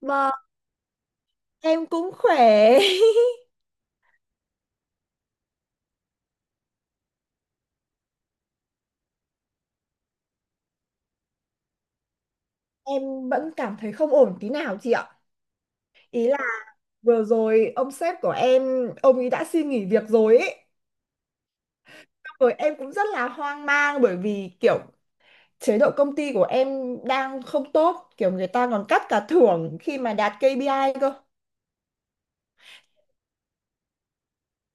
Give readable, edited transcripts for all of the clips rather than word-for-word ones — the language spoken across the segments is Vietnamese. Vâng, em cũng khỏe. Em vẫn cảm thấy không ổn tí nào chị ạ. Ý là vừa rồi ông sếp của em, ông ấy đã xin nghỉ việc rồi ấy. Xong rồi em cũng rất là hoang mang, bởi vì kiểu chế độ công ty của em đang không tốt. Kiểu người ta còn cắt cả thưởng khi mà đạt KPI cơ.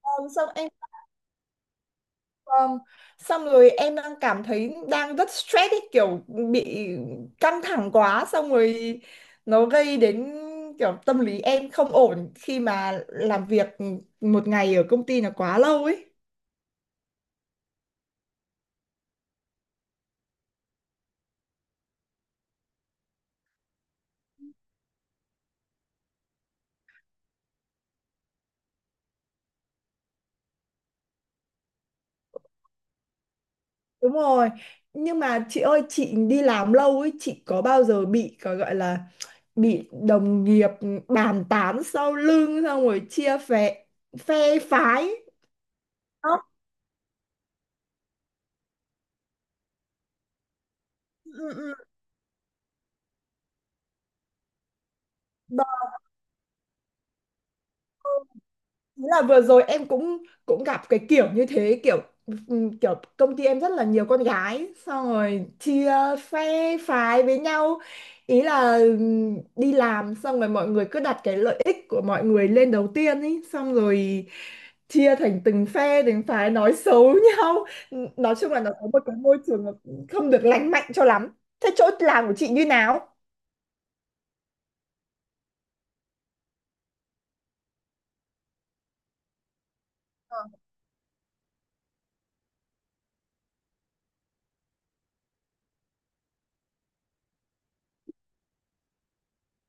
Ờ, Xong em Vâng. Xong rồi em đang cảm thấy đang rất stress ấy, kiểu bị căng thẳng quá, xong rồi nó gây đến kiểu tâm lý em không ổn khi mà làm việc một ngày ở công ty là quá lâu ấy. Đúng rồi. Nhưng mà chị ơi, chị đi làm lâu ấy, chị có bao giờ bị có gọi là bị đồng nghiệp bàn tán sau lưng, xong rồi chia phe phe phái. Đó. Ừ, ừ. Thế là vừa rồi em cũng cũng gặp cái kiểu như thế, kiểu kiểu công ty em rất là nhiều con gái, xong rồi chia phe phái với nhau. Ý là đi làm xong rồi mọi người cứ đặt cái lợi ích của mọi người lên đầu tiên ý, xong rồi chia thành từng phe từng phái, nói xấu nhau. Nói chung là nó có một cái môi trường nó không được lành mạnh cho lắm. Thế chỗ làm của chị như nào?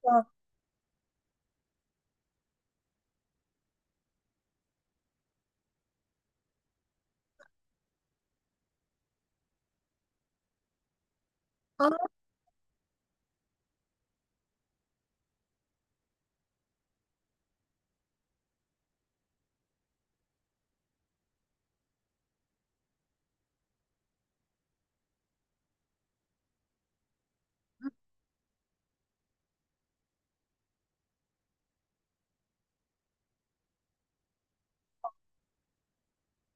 Ờ. Ờ,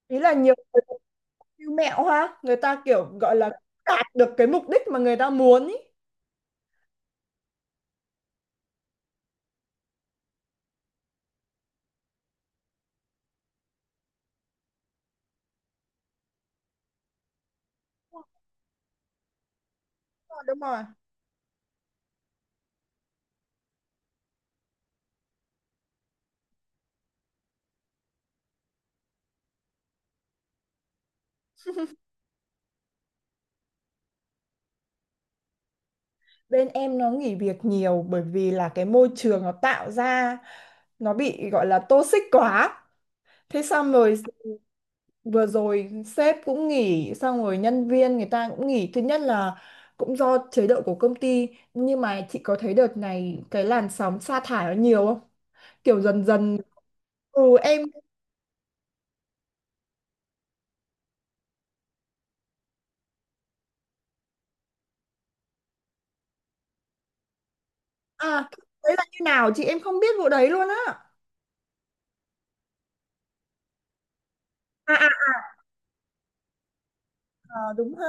ý là nhiều. Siêu mẹo ha, người ta kiểu gọi là đạt được cái mục đích mà người ta muốn ý. Đúng rồi, đúng rồi. Bên em nó nghỉ việc nhiều, bởi vì là cái môi trường nó tạo ra nó bị gọi là toxic quá. Thế xong rồi vừa rồi sếp cũng nghỉ, xong rồi nhân viên người ta cũng nghỉ. Thứ nhất là cũng do chế độ của công ty. Nhưng mà chị có thấy đợt này cái làn sóng sa thải nó nhiều không? Kiểu dần dần. Ừ em. À, đấy là như nào chị, em không biết vụ đấy luôn á. À. Ờ, đúng ha.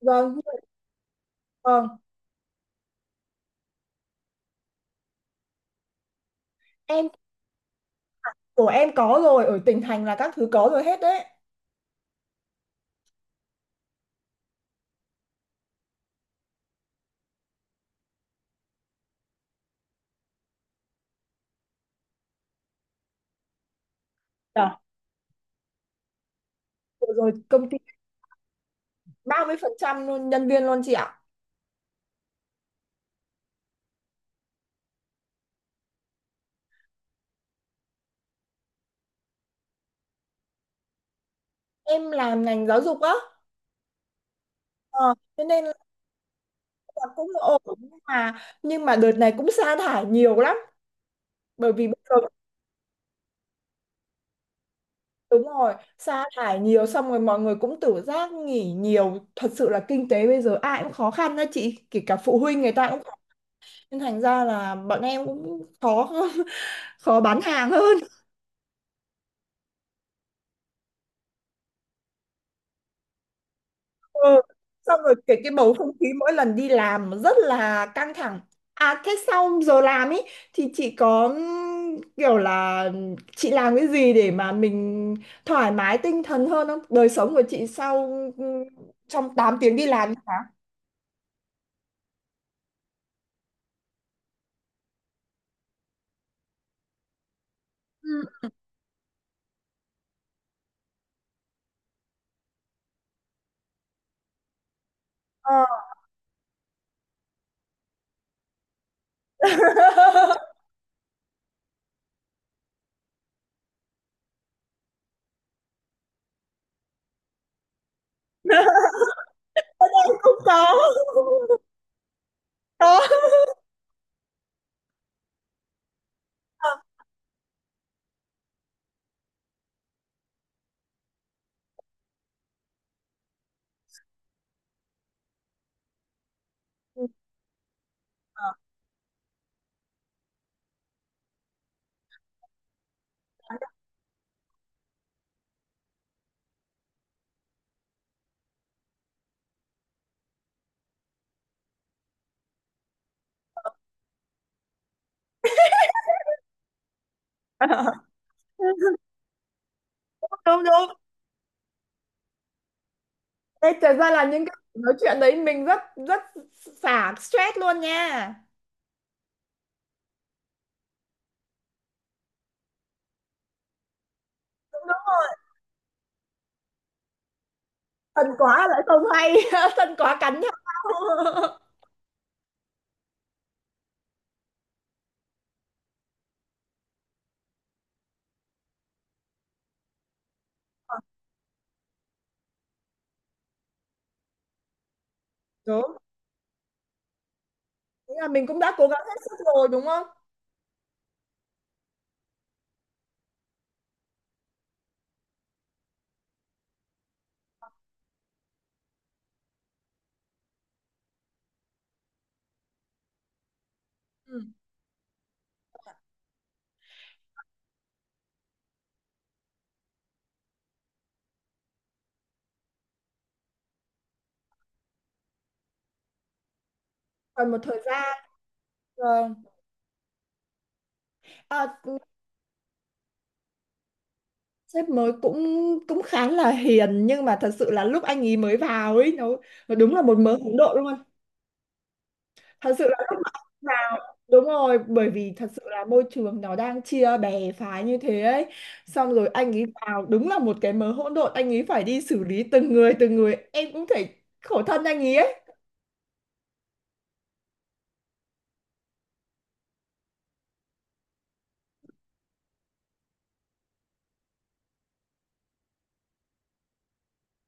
Vâng, vâng. Em của em có rồi, ở tỉnh thành là các thứ có rồi hết đấy. Rồi. Vừa rồi công ty 30% luôn, nhân viên luôn chị ạ. Em làm ngành giáo dục á. Ờ, cho nên là cũng ổn, nhưng mà đợt này cũng sa thải nhiều lắm, bởi vì bây giờ đúng rồi, sa thải nhiều xong rồi mọi người cũng tự giác nghỉ nhiều, thật sự là kinh tế bây giờ ai cũng khó khăn đó chị, kể cả phụ huynh người ta cũng khó khăn. Nên thành ra là bọn em cũng khó khó bán hàng hơn. Ừ. Xong rồi cái bầu không khí mỗi lần đi làm nó rất là căng thẳng. À thế sau giờ làm ấy thì chị có kiểu là chị làm cái gì để mà mình thoải mái tinh thần hơn không? Đời sống của chị sau ừm, trong 8 tiếng đi làm hả? Ừ. Ờ. Không có. Có. Ừ. Đúng đúng. Đây thật ra là những cái nói chuyện đấy mình rất rất xả stress luôn nha. Tình quả lại không hay tình quả cạnh nhau đúng, nghĩa là mình cũng đã cố gắng hết sức rồi, đúng không? Ừ. Còn một thời gian. Vâng. À, sếp mới cũng cũng khá là hiền, nhưng mà thật sự là lúc anh ấy mới vào ấy, nó đúng là một mớ hỗn độn luôn. Thật sự là lúc mà anh vào đúng rồi, bởi vì thật sự là môi trường nó đang chia bè phái như thế ấy, xong rồi anh ấy vào đúng là một cái mớ hỗn độn, anh ấy phải đi xử lý từng người từng người, em cũng thể khổ thân anh ấy ấy.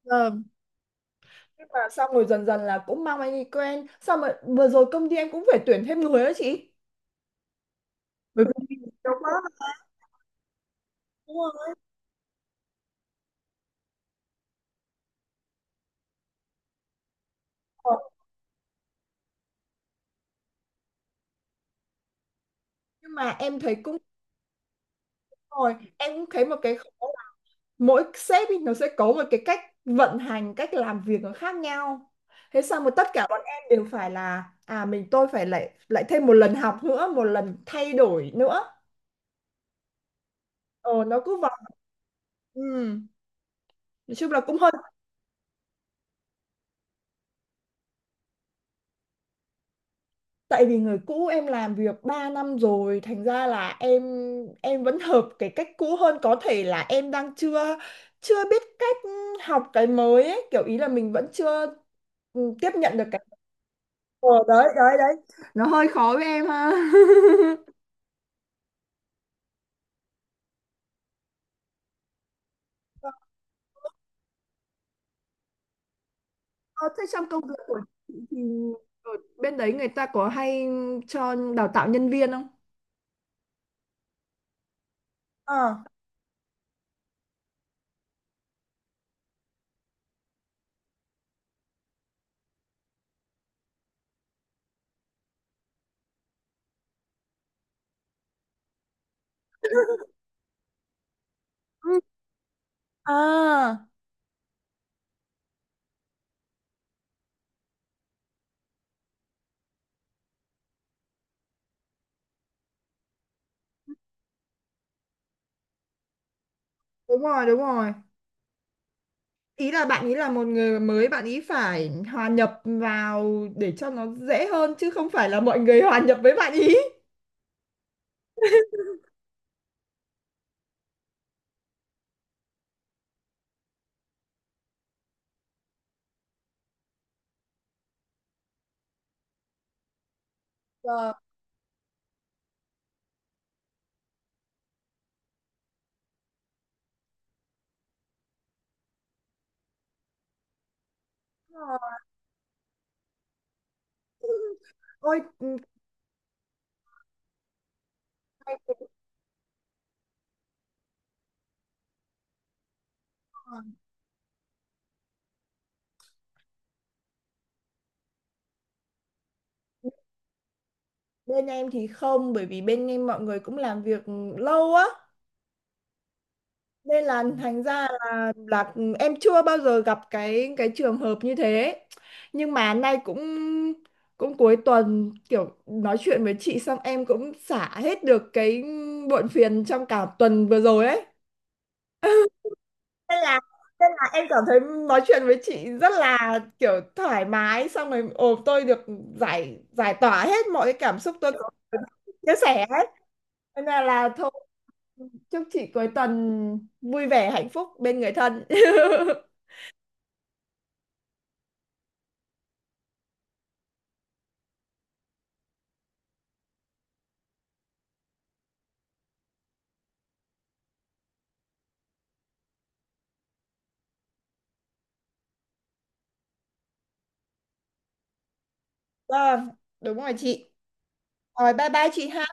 Ờ. Nhưng mà xong rồi dần dần là cũng mang anh đi quen, xong rồi vừa rồi công ty em cũng phải tuyển thêm người đó chị, bởi vì nhiều quá đúng không? Ờ, nhưng mà em thấy cũng, rồi em cũng thấy một cái khó là mỗi sếp ý nó sẽ có một cái cách vận hành, cách làm việc nó khác nhau. Thế xong rồi tất cả bọn em đều phải là tôi phải lại lại thêm một lần học nữa, một lần thay đổi nữa. Ờ nó cứ vào. Ừ. Nói chung là cũng hơi, tại vì người cũ em làm việc 3 năm rồi, thành ra là em vẫn hợp cái cách cũ hơn, có thể là em đang chưa chưa biết cách học cái mới ấy. Kiểu ý là mình vẫn chưa tiếp nhận được cái. Ờ, đấy đấy đấy, nó hơi khó với em ha. Ờ, thế trong công việc của chị thì ở bên đấy người ta có hay cho đào tạo nhân viên không? Ờ. Ừ. À, đúng rồi, đúng rồi. Ý là bạn ý là một người mới, bạn ý phải hòa nhập vào để cho nó dễ hơn, chứ không phải là mọi người hòa nhập với bạn ý. Ờ, đúng rồi. Ôi ừ, hay quá. Bên em thì không, bởi vì bên em mọi người cũng làm việc lâu á, nên là thành ra là em chưa bao giờ gặp cái trường hợp như thế. Nhưng mà nay cũng cũng cuối tuần, kiểu nói chuyện với chị xong em cũng xả hết được cái muộn phiền trong cả tuần vừa rồi ấy, nên là nên là em cảm thấy nói chuyện với chị rất là kiểu thoải mái, xong rồi ồ tôi được giải giải tỏa hết mọi cái cảm xúc tôi có, chia sẻ hết. Nên là thôi, chúc chị cuối tuần vui vẻ hạnh phúc bên người thân. Vâng, đúng rồi chị, rồi bye bye chị ha.